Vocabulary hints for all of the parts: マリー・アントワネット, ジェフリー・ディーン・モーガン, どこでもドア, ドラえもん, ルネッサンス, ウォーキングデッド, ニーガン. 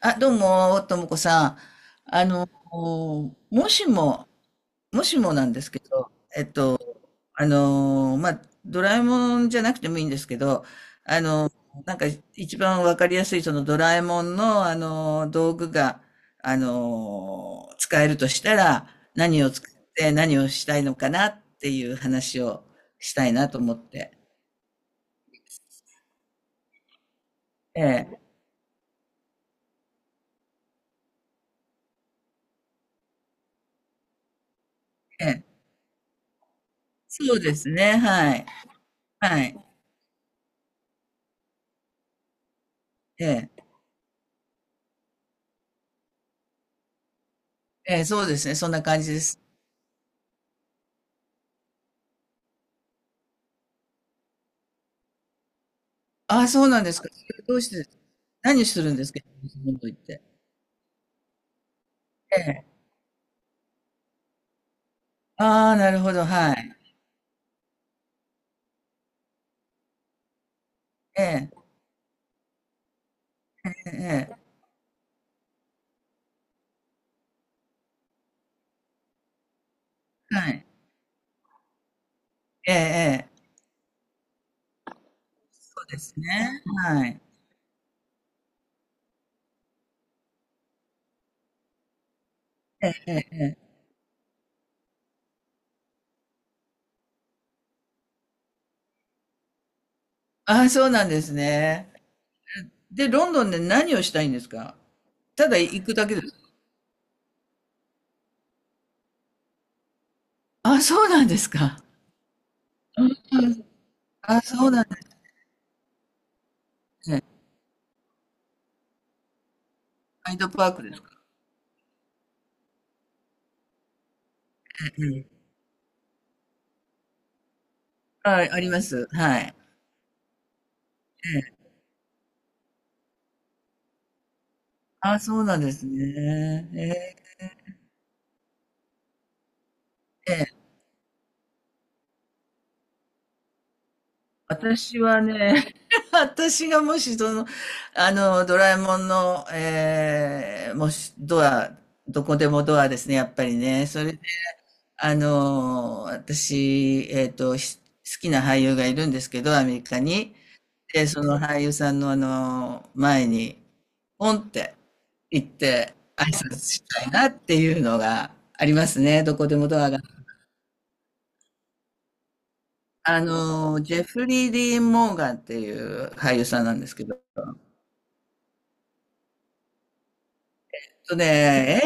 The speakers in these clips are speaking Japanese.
あ、どうも、ともこさん。もしも、もしもなんですけど、えっと、まあ、ドラえもんじゃなくてもいいんですけど、あの、なんか一番わかりやすいそのドラえもんの、道具が、使えるとしたら、何を使って何をしたいのかなっていう話をしたいなと思って。ええ、ええ、そうですね、はい。はい。ええ、ええ、そうですね、そんな感じです。あ、そうなんですか。どうしてです？何をするんですか、日本と言って。ええ。ああ、なるほど、はい。ええ、ええ、ええ、はい。ええ、ええ。そうですね。はい。ああ、そうなんですね。で、ロンドンで何をしたいんですか？ただ行くだけですか？ああ、そうなんですか。うん。ああ、そうなんですね。ハイドパークですか？うん、はい、あります。はい。ええ。ああ、そうなんですね。ええ。私はね、私がもしその、ドラえもんの、えー、もし、ドア、どこでもドアですね、やっぱりね。それで、私、し好きな俳優がいるんですけど、アメリカに。で、その俳優さんの前に、ポンって行って挨拶したいなっていうのがありますね、どこでもドアが。ジェフリー・ディーン・モーガンっていう俳優さんなんですけど、とね、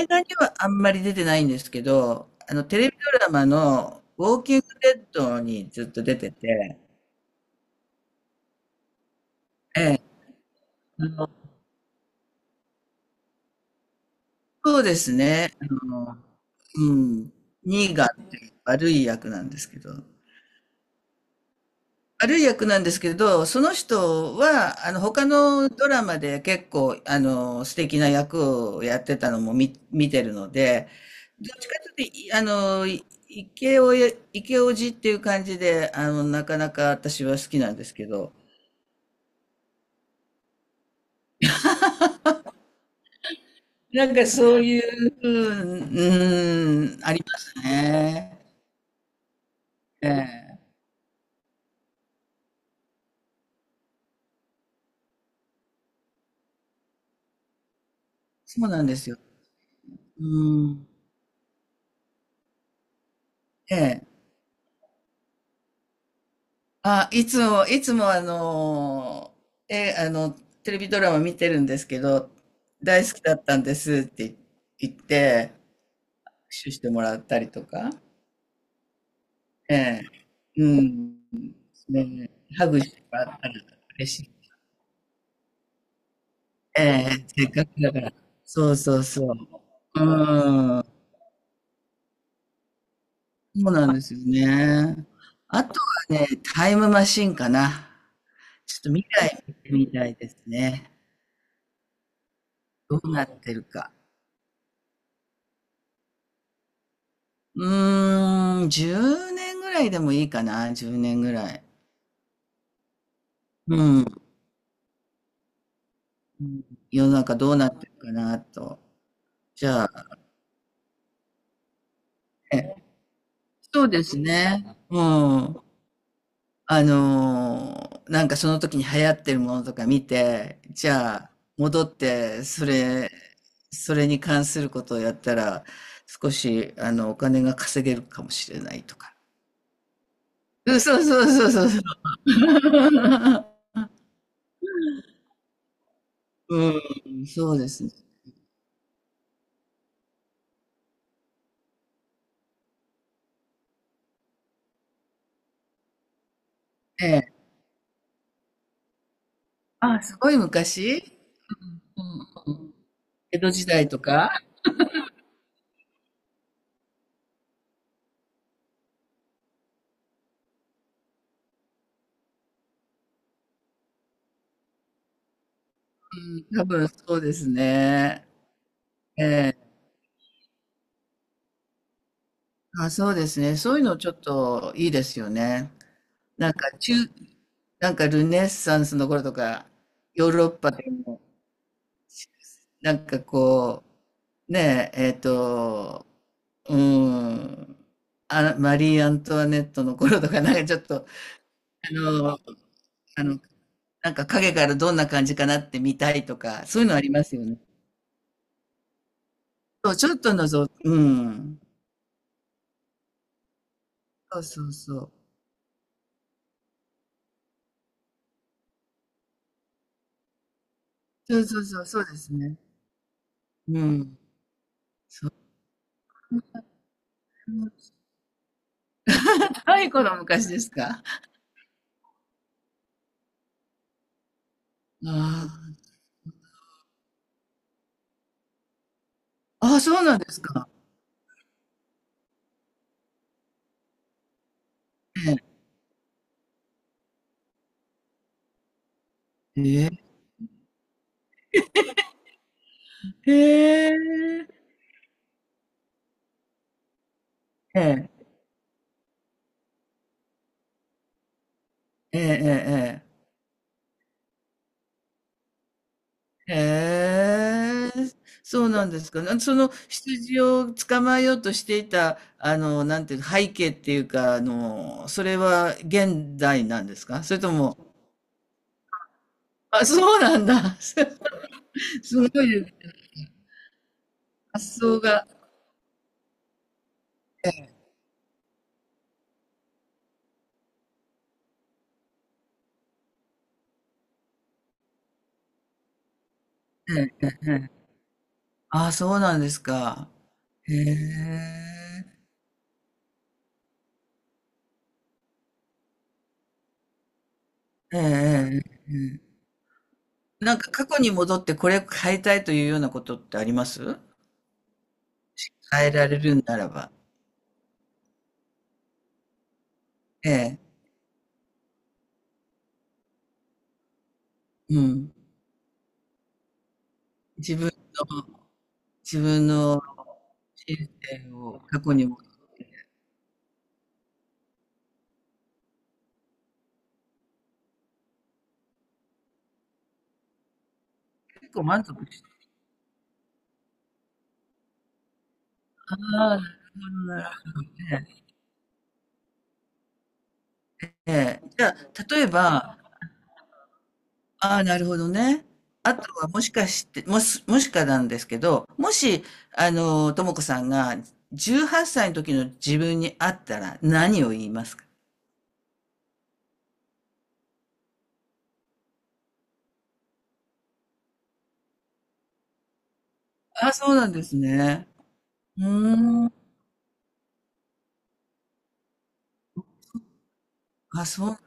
映画にはあんまり出てないんですけど、テレビドラマのウォーキングデッドにずっと出てて、ええ、そうですね、うん、ニーガンっていう悪い役なんですけど。悪い役なんですけど、その人は、他のドラマで結構、素敵な役をやってたのも見てるので、どっちかというと、いあの、いイケオヤ、イっていう感じで、なかなか私は好きなんですけど、なんかそういう、うん、うん、ありますね。ええ。そうなんですよ。うん。ええ。あ、いつもあのえ、あの、テレビドラマ見てるんですけど、大好きだったんですって言って、握手してもらったりとか、ええ、うん、ね、ハグしてもらったら嬉しい。ええ、せっかくだから。そうそうそう。うん、そうなんですよね。あとはね、タイムマシンかな。ちょっと未来見てみたいですね。どうなってるか。うーん、10年ぐらいでもいいかな、10年ぐらい。うん。うん、世の中どうなってるかなと。じゃあ、ね、そうですね。うん。なんかその時に流行ってるものとか見て、じゃあ、戻って、それに関することをやったら、少し、お金が稼げるかもしれないとか。うん、そうそうそうそうそう。うん、そうですね。ええ。あ、すごい昔、うんうん。江戸時代とか、うん、多分そうですね。ええ。あ、そうですね。そういうのちょっといいですよね。なんか中、なんかルネッサンスの頃とか、ヨーロッパでも、なんかこう、ねえ、うん、あ、マリー・アントワネットの頃とか、なんかちょっと、あの、あの、なんか影からどんな感じかなって見たいとか、そういうのありますよね。そう、ちょっとのぞ、うん。そうそうそう。そうそうそう、そうですね。うん。それも若い頃、昔ですか？ああ。あ、そうなんですか。ええ。ええ。へえ。ええ。ええええええ。へえ。そうなんですか。なその羊を捕まえようとしていた、なんていう、背景っていうか、それは現代なんですか？それとも、あ、そうなんだ。すごい発想が、ええ。ああ、そうなんですか。へえ、ええ、ええ、ええ、なんか過去に戻ってこれ変えたいというようなことってあります？変えられるならば。ええ、うん。自分の、自分の人生を過去に戻って結構満足した。ああ、なるほど、なるほど、ええ、じゃあ、例えば、ああ、なるほどね。あとはもしかして、もしかなんですけど、もし、ともこさんが18歳の時の自分に会ったら何を言いますか？あ、そうなんですね。うーん。あ、そう。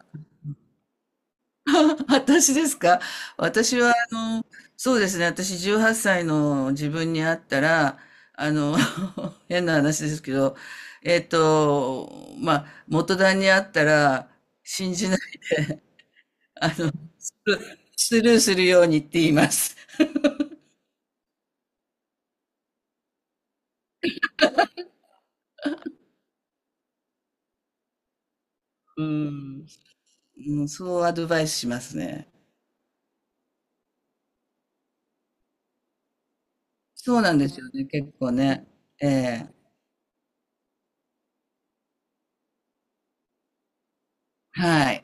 私ですか？私は、そうですね。私、18歳の自分に会ったら、あの、変な話ですけど、まあ、元旦に会ったら、信じない、スルーするようにって言います。うん。うん、そうアドバイスしますね。そうなんですよね。結構ね。ええ。はい。